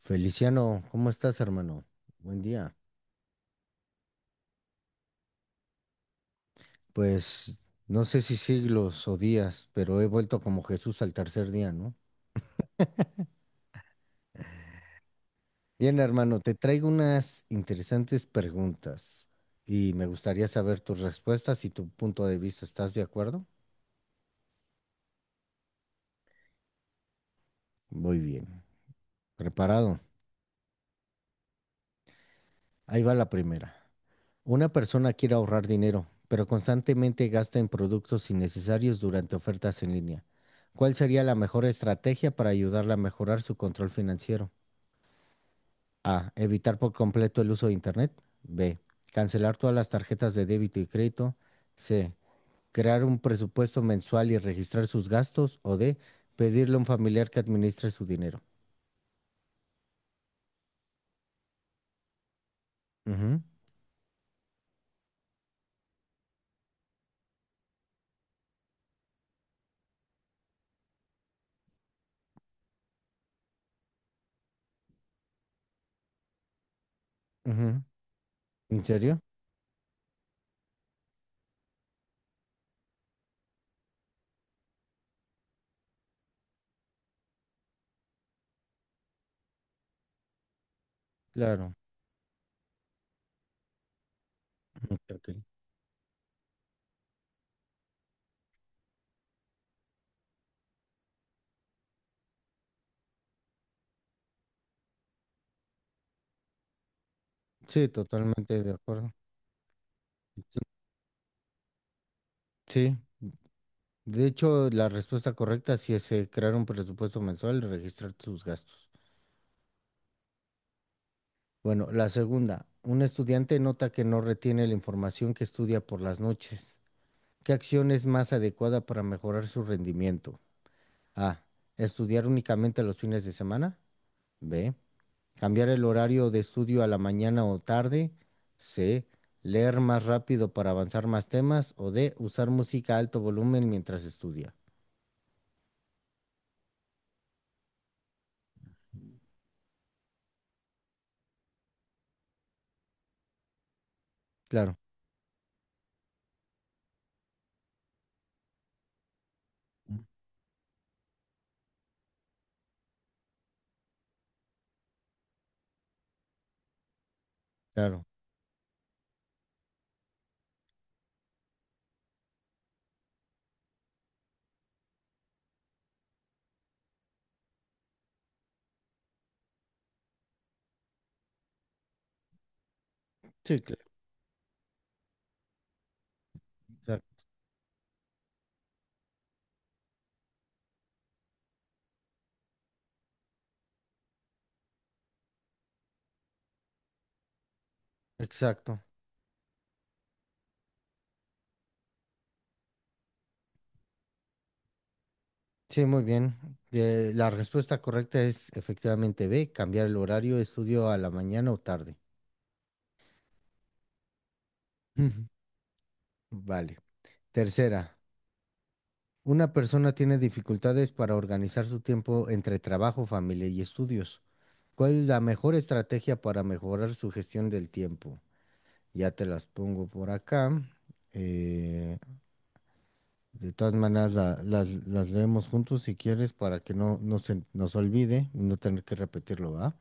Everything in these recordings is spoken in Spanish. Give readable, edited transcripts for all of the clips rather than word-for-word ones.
Feliciano, ¿cómo estás, hermano? Buen día. Pues no sé si siglos o días, pero he vuelto como Jesús al tercer día, ¿no? Bien, hermano, te traigo unas interesantes preguntas y me gustaría saber tus respuestas y tu punto de vista. ¿Estás de acuerdo? Muy bien. Preparado. Ahí va la primera. Una persona quiere ahorrar dinero, pero constantemente gasta en productos innecesarios durante ofertas en línea. ¿Cuál sería la mejor estrategia para ayudarla a mejorar su control financiero? A. Evitar por completo el uso de Internet. B. Cancelar todas las tarjetas de débito y crédito. C. Crear un presupuesto mensual y registrar sus gastos. O D. Pedirle a un familiar que administre su dinero. Ujú, ujú. ¿En serio? Claro. Ok, ok. Sí, totalmente de acuerdo. Sí. De hecho, la respuesta correcta sí es, crear un presupuesto mensual y registrar sus gastos. Bueno, la segunda. Un estudiante nota que no retiene la información que estudia por las noches. ¿Qué acción es más adecuada para mejorar su rendimiento? A. Estudiar únicamente los fines de semana. B. Cambiar el horario de estudio a la mañana o tarde. C. Leer más rápido para avanzar más temas. O D. Usar música a alto volumen mientras estudia. Claro, mm, claro. Sí, cla- Exacto. Sí, muy bien. La respuesta correcta es efectivamente B. Cambiar el horario de estudio a la mañana o tarde. Ujú. Vale. Tercera. Una persona tiene dificultades para organizar su tiempo entre trabajo, familia y estudios. ¿Cuál es la mejor estrategia para mejorar su gestión del tiempo? Ya te las pongo por acá. Eh, de todas maneras, las leemos juntos si quieres para que no, no se nos olvide y no tener que repetirlo, ¿va?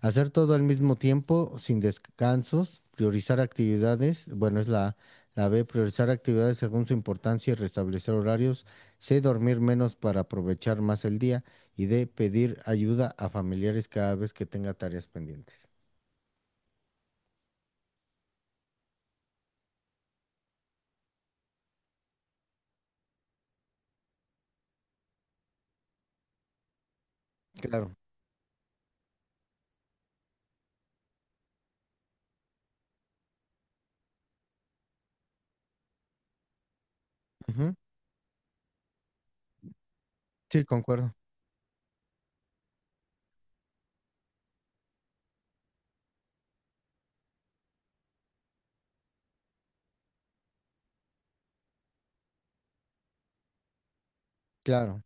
Hacer todo al mismo tiempo, sin descansos, priorizar actividades, bueno, es la, la B, priorizar actividades según su importancia y restablecer horarios, C, dormir menos para aprovechar más el día y D, pedir ayuda a familiares cada vez que tenga tareas pendientes. Claro. Ujú. Sí, concuerdo. Claro.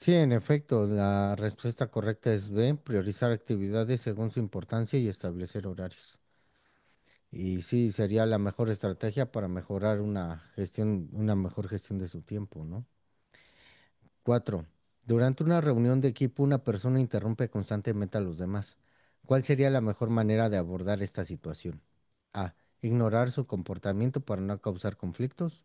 Sí, en efecto, la respuesta correcta es B, priorizar actividades según su importancia y establecer horarios. Y sí, sería la mejor estrategia para mejorar una gestión, una mejor gestión de su tiempo, ¿no? Cuatro, durante una reunión de equipo, una persona interrumpe constantemente a los demás. ¿Cuál sería la mejor manera de abordar esta situación? A. Ignorar su comportamiento para no causar conflictos.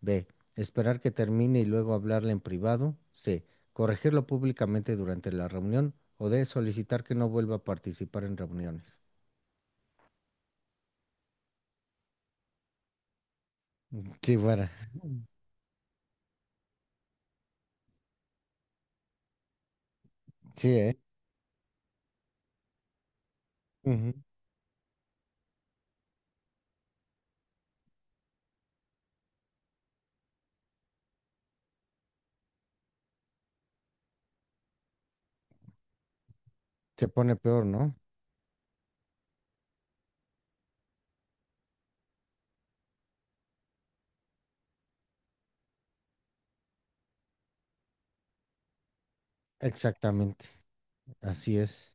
B. Esperar que termine y luego hablarle en privado. C. Corregirlo públicamente durante la reunión. O D. Solicitar que no vuelva a participar en reuniones. Sí, bueno, sí, ¿eh? Se pone peor, ¿no? Exactamente, así es.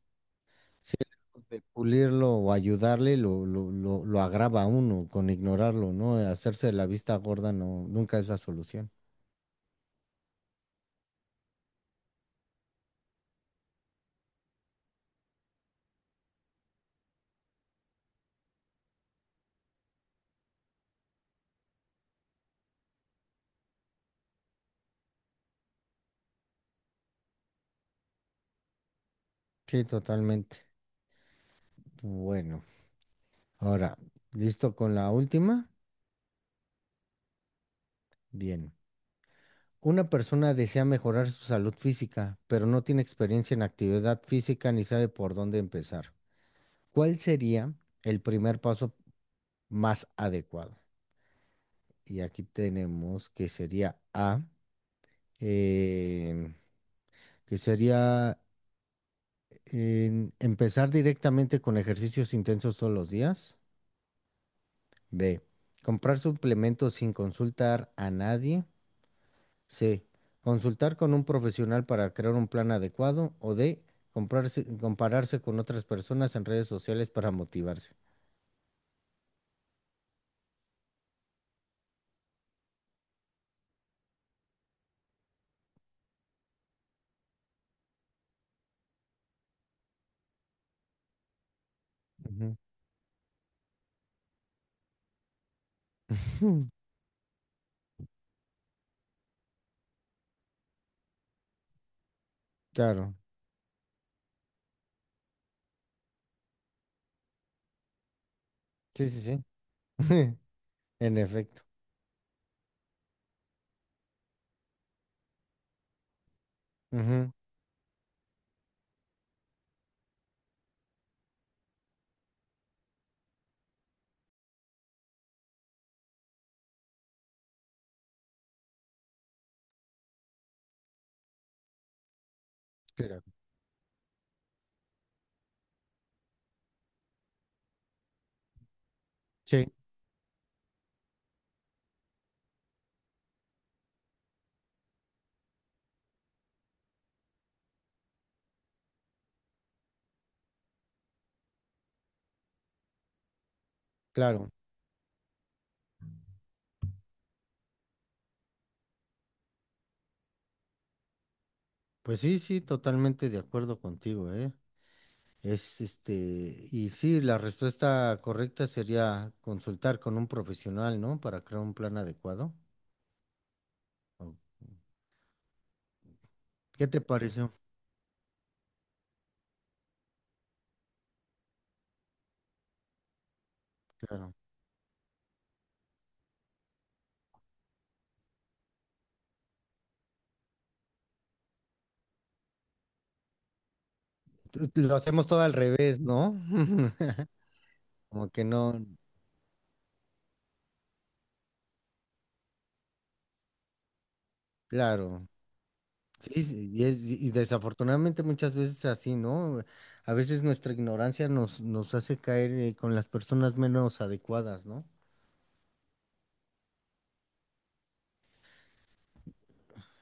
Si es de pulirlo o ayudarle, lo agrava a uno con ignorarlo, ¿no? Hacerse de la vista gorda no, nunca es la solución. Sí, totalmente. Bueno, ahora, ¿listo con la última? Bien. Una persona desea mejorar su salud física, pero no tiene experiencia en actividad física ni sabe por dónde empezar. ¿Cuál sería el primer paso más adecuado? Y aquí tenemos que sería A. eh, que sería empezar directamente con ejercicios intensos todos los días. B, comprar suplementos sin consultar a nadie. C, consultar con un profesional para crear un plan adecuado. O D, compararse con otras personas en redes sociales para motivarse. Ujú. Claro, sí, sí, sí. En efecto. Ujú. Claro. Sí, claro. Pues sí, sí, totalmente de acuerdo contigo, ¿eh? Es este, y sí, la respuesta correcta sería consultar con un profesional, ¿no? Para crear un plan adecuado. ¿O ¿Qué te pareció? Claro. Tú lo hacemos todo al revés, ¿no? Como que no, claro. Sí, sí, y, y desafortunadamente muchas veces así, ¿no? A veces nuestra ignorancia nos hace caer, con las personas menos adecuadas, ¿no?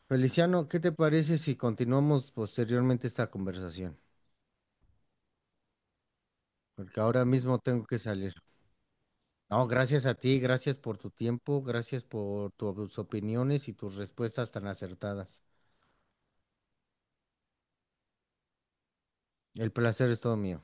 Feliciano, ¿qué te parece si continuamos posteriormente esta conversación? Porque ahora mismo tengo que salir. No, gracias a ti, gracias por tu tiempo, gracias por tus opiniones y tus respuestas tan acertadas. El placer es todo mío.